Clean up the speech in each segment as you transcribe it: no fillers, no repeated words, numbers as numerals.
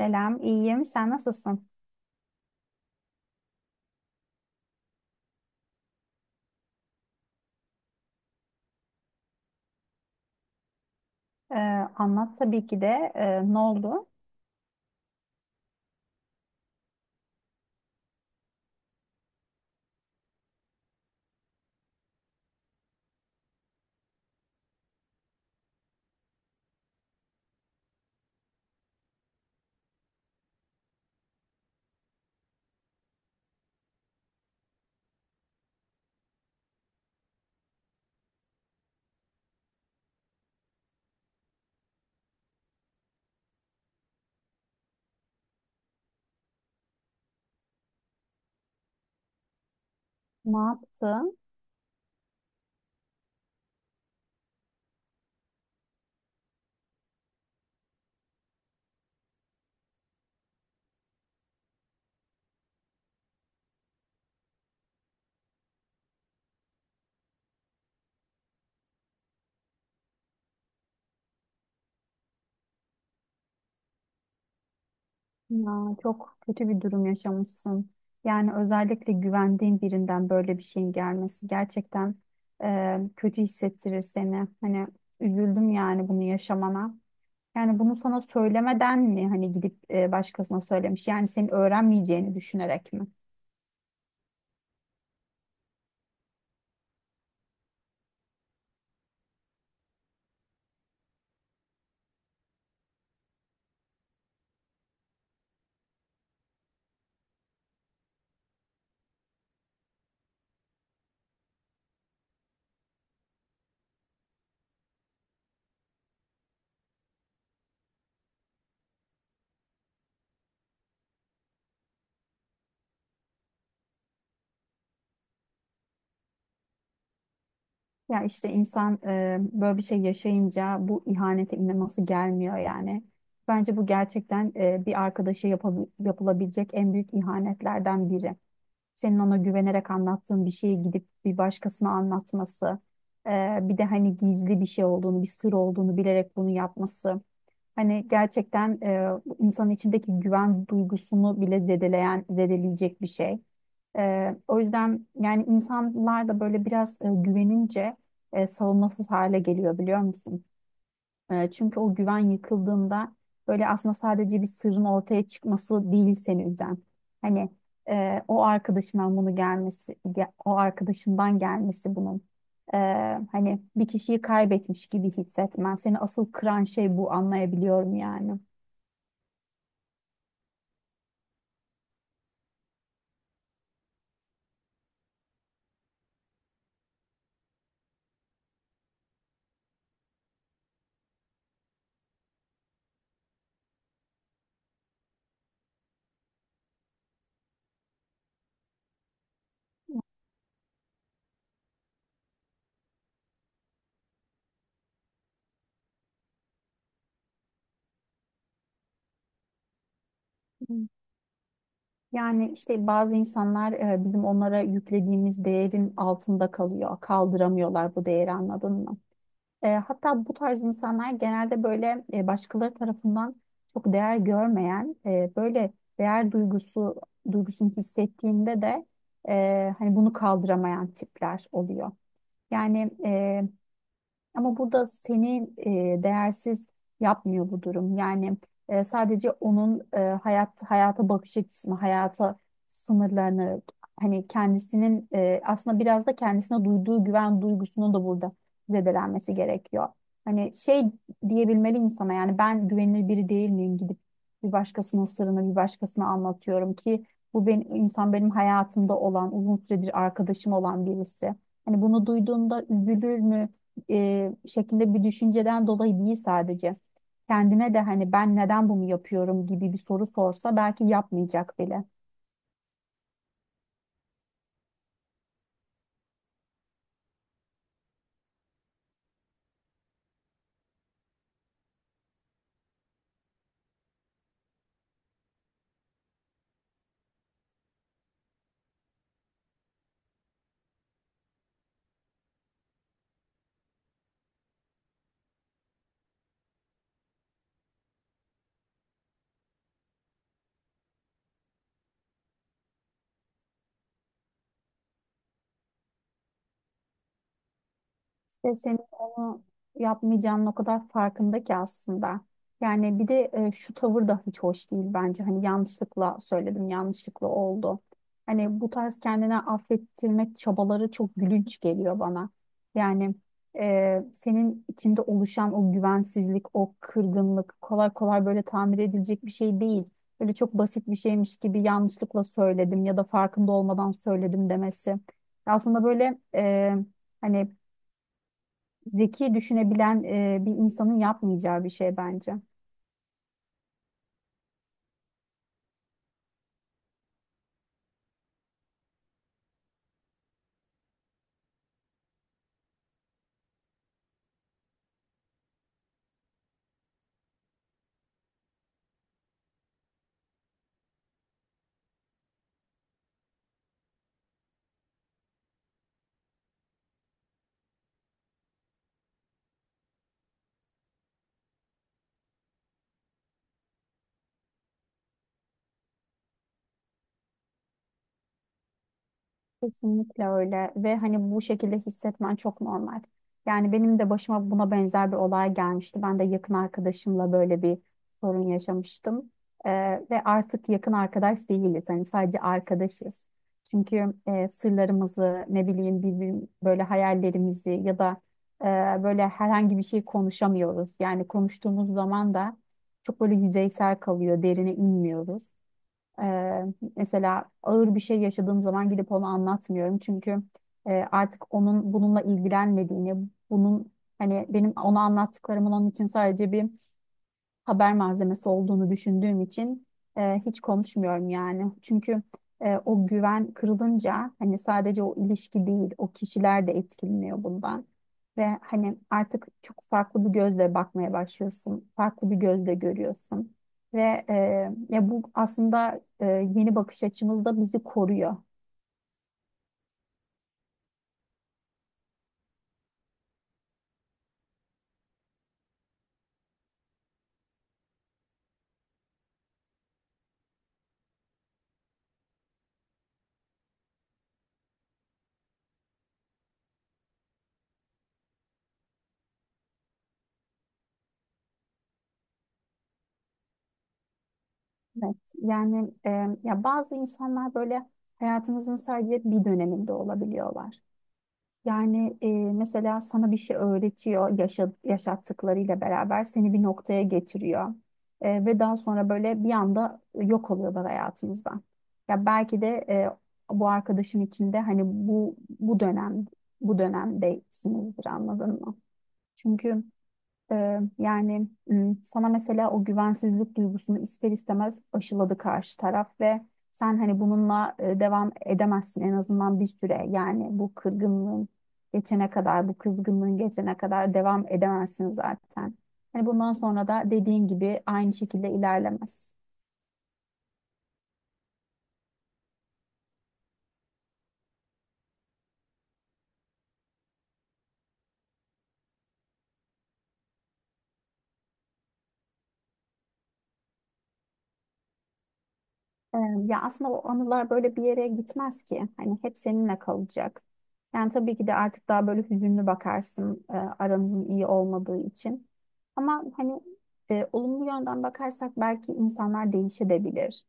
Selam, iyiyim. Sen nasılsın? Ee, Anlat tabii ki de. Ne oldu? Ne yaptın? Ya, çok kötü bir durum yaşamışsın. Yani özellikle güvendiğin birinden böyle bir şeyin gelmesi gerçekten kötü hissettirir seni. Hani üzüldüm yani bunu yaşamana. Yani bunu sana söylemeden mi hani gidip başkasına söylemiş? Yani senin öğrenmeyeceğini düşünerek mi? Ya işte insan böyle bir şey yaşayınca bu ihanete inanması gelmiyor yani. Bence bu gerçekten bir arkadaşa yapılabilecek en büyük ihanetlerden biri. Senin ona güvenerek anlattığın bir şeyi gidip bir başkasına anlatması, bir de hani gizli bir şey olduğunu, bir sır olduğunu bilerek bunu yapması, hani gerçekten insanın içindeki güven duygusunu bile zedeleyen, zedeleyecek bir şey. O yüzden yani insanlar da böyle biraz güvenince savunmasız hale geliyor biliyor musun? Çünkü o güven yıkıldığında böyle aslında sadece bir sırrın ortaya çıkması değil seni üzen. Hani o arkadaşından bunu gelmesi, o arkadaşından gelmesi bunun. E, Hani bir kişiyi kaybetmiş gibi hissetmen. Seni asıl kıran şey bu, anlayabiliyorum yani. Hı. Yani işte bazı insanlar bizim onlara yüklediğimiz değerin altında kalıyor. Kaldıramıyorlar bu değeri, anladın mı? Hatta bu tarz insanlar genelde böyle başkaları tarafından çok değer görmeyen, böyle değer duygusu duygusunu hissettiğinde de hani bunu kaldıramayan tipler oluyor. Yani ama burada seni değersiz yapmıyor bu durum. Yani sadece onun, hayat hayata bakış açısını, hayata sınırlarını, hani kendisinin aslında biraz da kendisine duyduğu güven duygusunu da burada zedelenmesi gerekiyor. Hani şey diyebilmeli insana, yani ben güvenilir biri değil miyim gidip bir başkasının sırrını bir başkasına anlatıyorum ki bu benim benim hayatımda olan uzun süredir arkadaşım olan birisi. Hani bunu duyduğunda üzülür mü? Şeklinde bir düşünceden dolayı değil sadece. Kendine de hani ben neden bunu yapıyorum gibi bir soru sorsa belki yapmayacak bile. İşte senin onu yapmayacağının o kadar farkında ki aslında. Yani bir de şu tavır da hiç hoş değil bence. Hani yanlışlıkla söyledim, yanlışlıkla oldu. Hani bu tarz kendine affettirmek çabaları çok gülünç geliyor bana. Yani senin içinde oluşan o güvensizlik, o kırgınlık kolay kolay böyle tamir edilecek bir şey değil. Böyle çok basit bir şeymiş gibi yanlışlıkla söyledim ya da farkında olmadan söyledim demesi. Aslında böyle hani zeki düşünebilen bir insanın yapmayacağı bir şey bence. Kesinlikle öyle, ve hani bu şekilde hissetmen çok normal. Yani benim de başıma buna benzer bir olay gelmişti. Ben de yakın arkadaşımla böyle bir sorun yaşamıştım. Ee, Ve artık yakın arkadaş değiliz. Hani sadece arkadaşız. Çünkü sırlarımızı ne bileyim birbirim, böyle hayallerimizi ya da e, böyle herhangi bir şey konuşamıyoruz. Yani konuştuğumuz zaman da çok böyle yüzeysel kalıyor, derine inmiyoruz. Eee, Mesela ağır bir şey yaşadığım zaman gidip onu anlatmıyorum. Çünkü artık onun bununla ilgilenmediğini, bunun hani benim ona anlattıklarımın onun için sadece bir haber malzemesi olduğunu düşündüğüm için hiç konuşmuyorum yani. Çünkü o güven kırılınca hani sadece o ilişki değil, o kişiler de etkileniyor bundan. Ve hani artık çok farklı bir gözle bakmaya başlıyorsun. Farklı bir gözle görüyorsun. Ve e, ya bu aslında yeni bakış açımızda bizi koruyor. Evet, yani ya bazı insanlar böyle hayatımızın sadece bir döneminde olabiliyorlar. Yani mesela sana bir şey öğretiyor, yaşattıklarıyla beraber seni bir noktaya getiriyor. Ve daha sonra böyle bir anda yok oluyorlar hayatımızdan. Ya belki de bu arkadaşın içinde hani bu dönem dönemdesinizdir, anladın mı? Çünkü yani sana mesela o güvensizlik duygusunu ister istemez aşıladı karşı taraf ve sen hani bununla devam edemezsin en azından bir süre. Yani bu kırgınlığın geçene kadar, bu kızgınlığın geçene kadar devam edemezsin zaten. Hani bundan sonra da dediğin gibi aynı şekilde ilerlemez. Ee, Ya aslında o anılar böyle bir yere gitmez ki. Hani hep seninle kalacak. Yani tabii ki de artık daha böyle hüzünlü bakarsın, aranızın iyi olmadığı için. Ama hani olumlu yönden bakarsak belki insanlar değişebilir.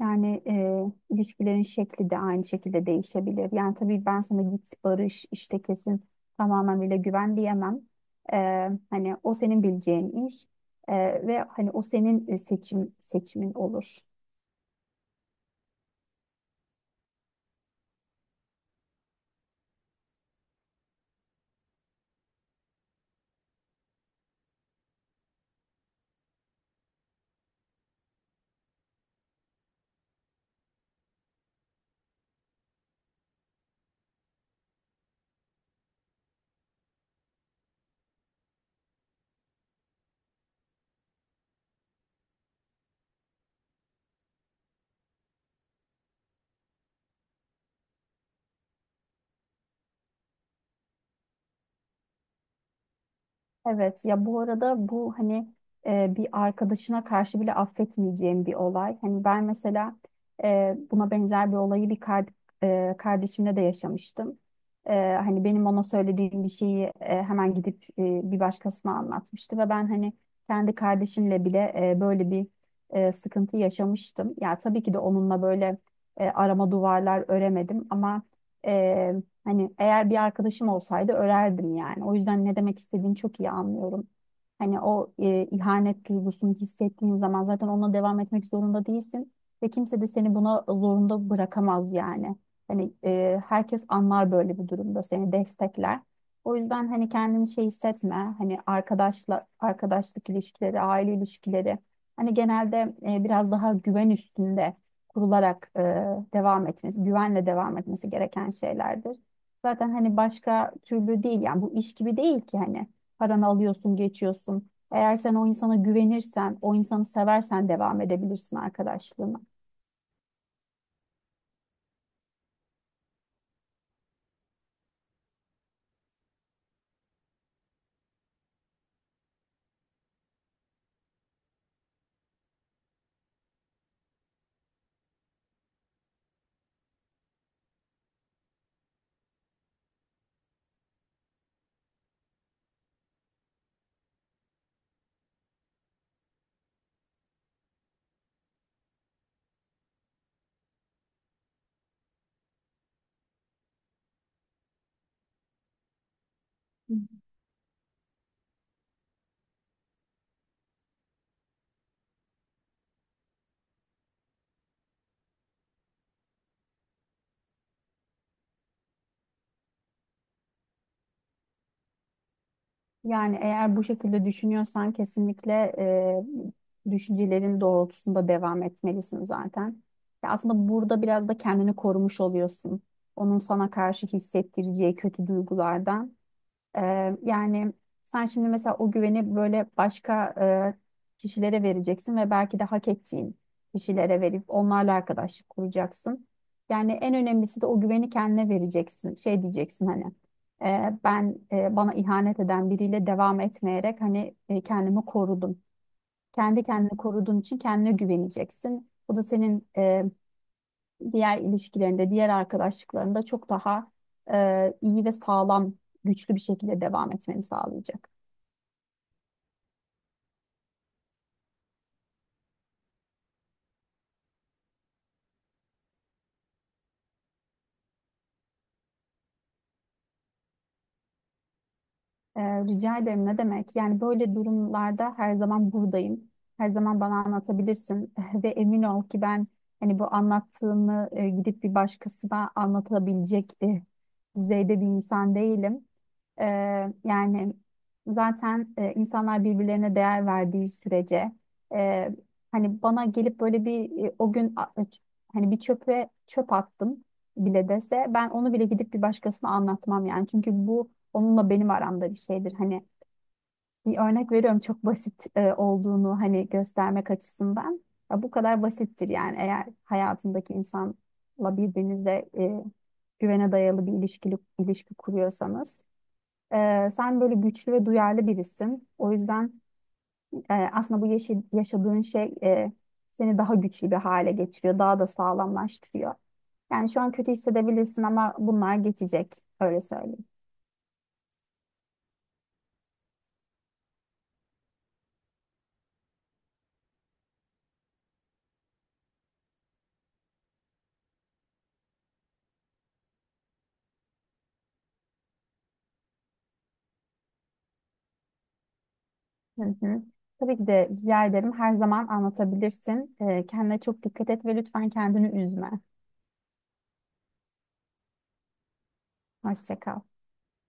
Yani ilişkilerin şekli de aynı şekilde değişebilir. Yani tabii ben sana git barış işte kesin tam anlamıyla güven diyemem. Hani o senin bileceğin iş. Ve hani o senin seçimin olur. Evet, ya bu arada bu hani bir arkadaşına karşı bile affetmeyeceğim bir olay. Hani ben mesela buna benzer bir olayı kardeşimle de yaşamıştım. Hani benim ona söylediğim bir şeyi hemen gidip bir başkasına anlatmıştı ve ben hani kendi kardeşimle bile böyle bir sıkıntı yaşamıştım. Ya tabii ki de onunla böyle arama duvarlar öremedim ama hani eğer bir arkadaşım olsaydı örerdim yani. O yüzden ne demek istediğini çok iyi anlıyorum. Hani o ihanet duygusunu hissettiğin zaman zaten onunla devam etmek zorunda değilsin ve kimse de seni buna zorunda bırakamaz yani. Hani herkes anlar, böyle bir durumda seni destekler. O yüzden hani kendini şey hissetme. Hani arkadaşla arkadaşlık ilişkileri, aile ilişkileri hani genelde biraz daha güven üstünde kurularak devam etmesi, güvenle devam etmesi gereken şeylerdir. Zaten hani başka türlü değil yani, bu iş gibi değil ki hani paranı alıyorsun geçiyorsun. Eğer sen o insana güvenirsen, o insanı seversen devam edebilirsin arkadaşlığına. Hı. Yani eğer bu şekilde düşünüyorsan kesinlikle düşüncelerin doğrultusunda devam etmelisin zaten. Ya aslında burada biraz da kendini korumuş oluyorsun. Onun sana karşı hissettireceği kötü duygulardan. Yani sen şimdi mesela o güveni böyle başka kişilere vereceksin ve belki de hak ettiğin kişilere verip onlarla arkadaşlık kuracaksın. Yani en önemlisi de o güveni kendine vereceksin. Şey diyeceksin hani bana ihanet eden biriyle devam etmeyerek hani kendimi korudum. Kendi kendini koruduğun için kendine güveneceksin. Bu da senin diğer ilişkilerinde, diğer arkadaşlıklarında çok daha iyi ve sağlam, güçlü bir şekilde devam etmeni sağlayacak. Rica ederim, ne demek? Yani böyle durumlarda her zaman buradayım. Her zaman bana anlatabilirsin ve emin ol ki ben hani bu anlattığını gidip bir başkasına anlatabilecek düzeyde bir insan değilim. Ee, Yani zaten insanlar birbirlerine değer verdiği sürece e, hani bana gelip böyle bir hani bir çöpe çöp attım bile dese ben onu bile gidip bir başkasına anlatmam yani. Çünkü bu onunla benim aramda bir şeydir. Hani bir örnek veriyorum, çok basit olduğunu hani göstermek açısından. Ya bu kadar basittir yani, eğer hayatındaki insanla birbirinize güvene dayalı bir ilişki kuruyorsanız. Sen böyle güçlü ve duyarlı birisin. O yüzden aslında bu yaşadığın şey seni daha güçlü bir hale getiriyor, daha da sağlamlaştırıyor. Yani şu an kötü hissedebilirsin ama bunlar geçecek, öyle söyleyeyim. Hı hı. Tabii ki de rica ederim. Her zaman anlatabilirsin. Kendine çok dikkat et ve lütfen kendini üzme. Hoşça kal.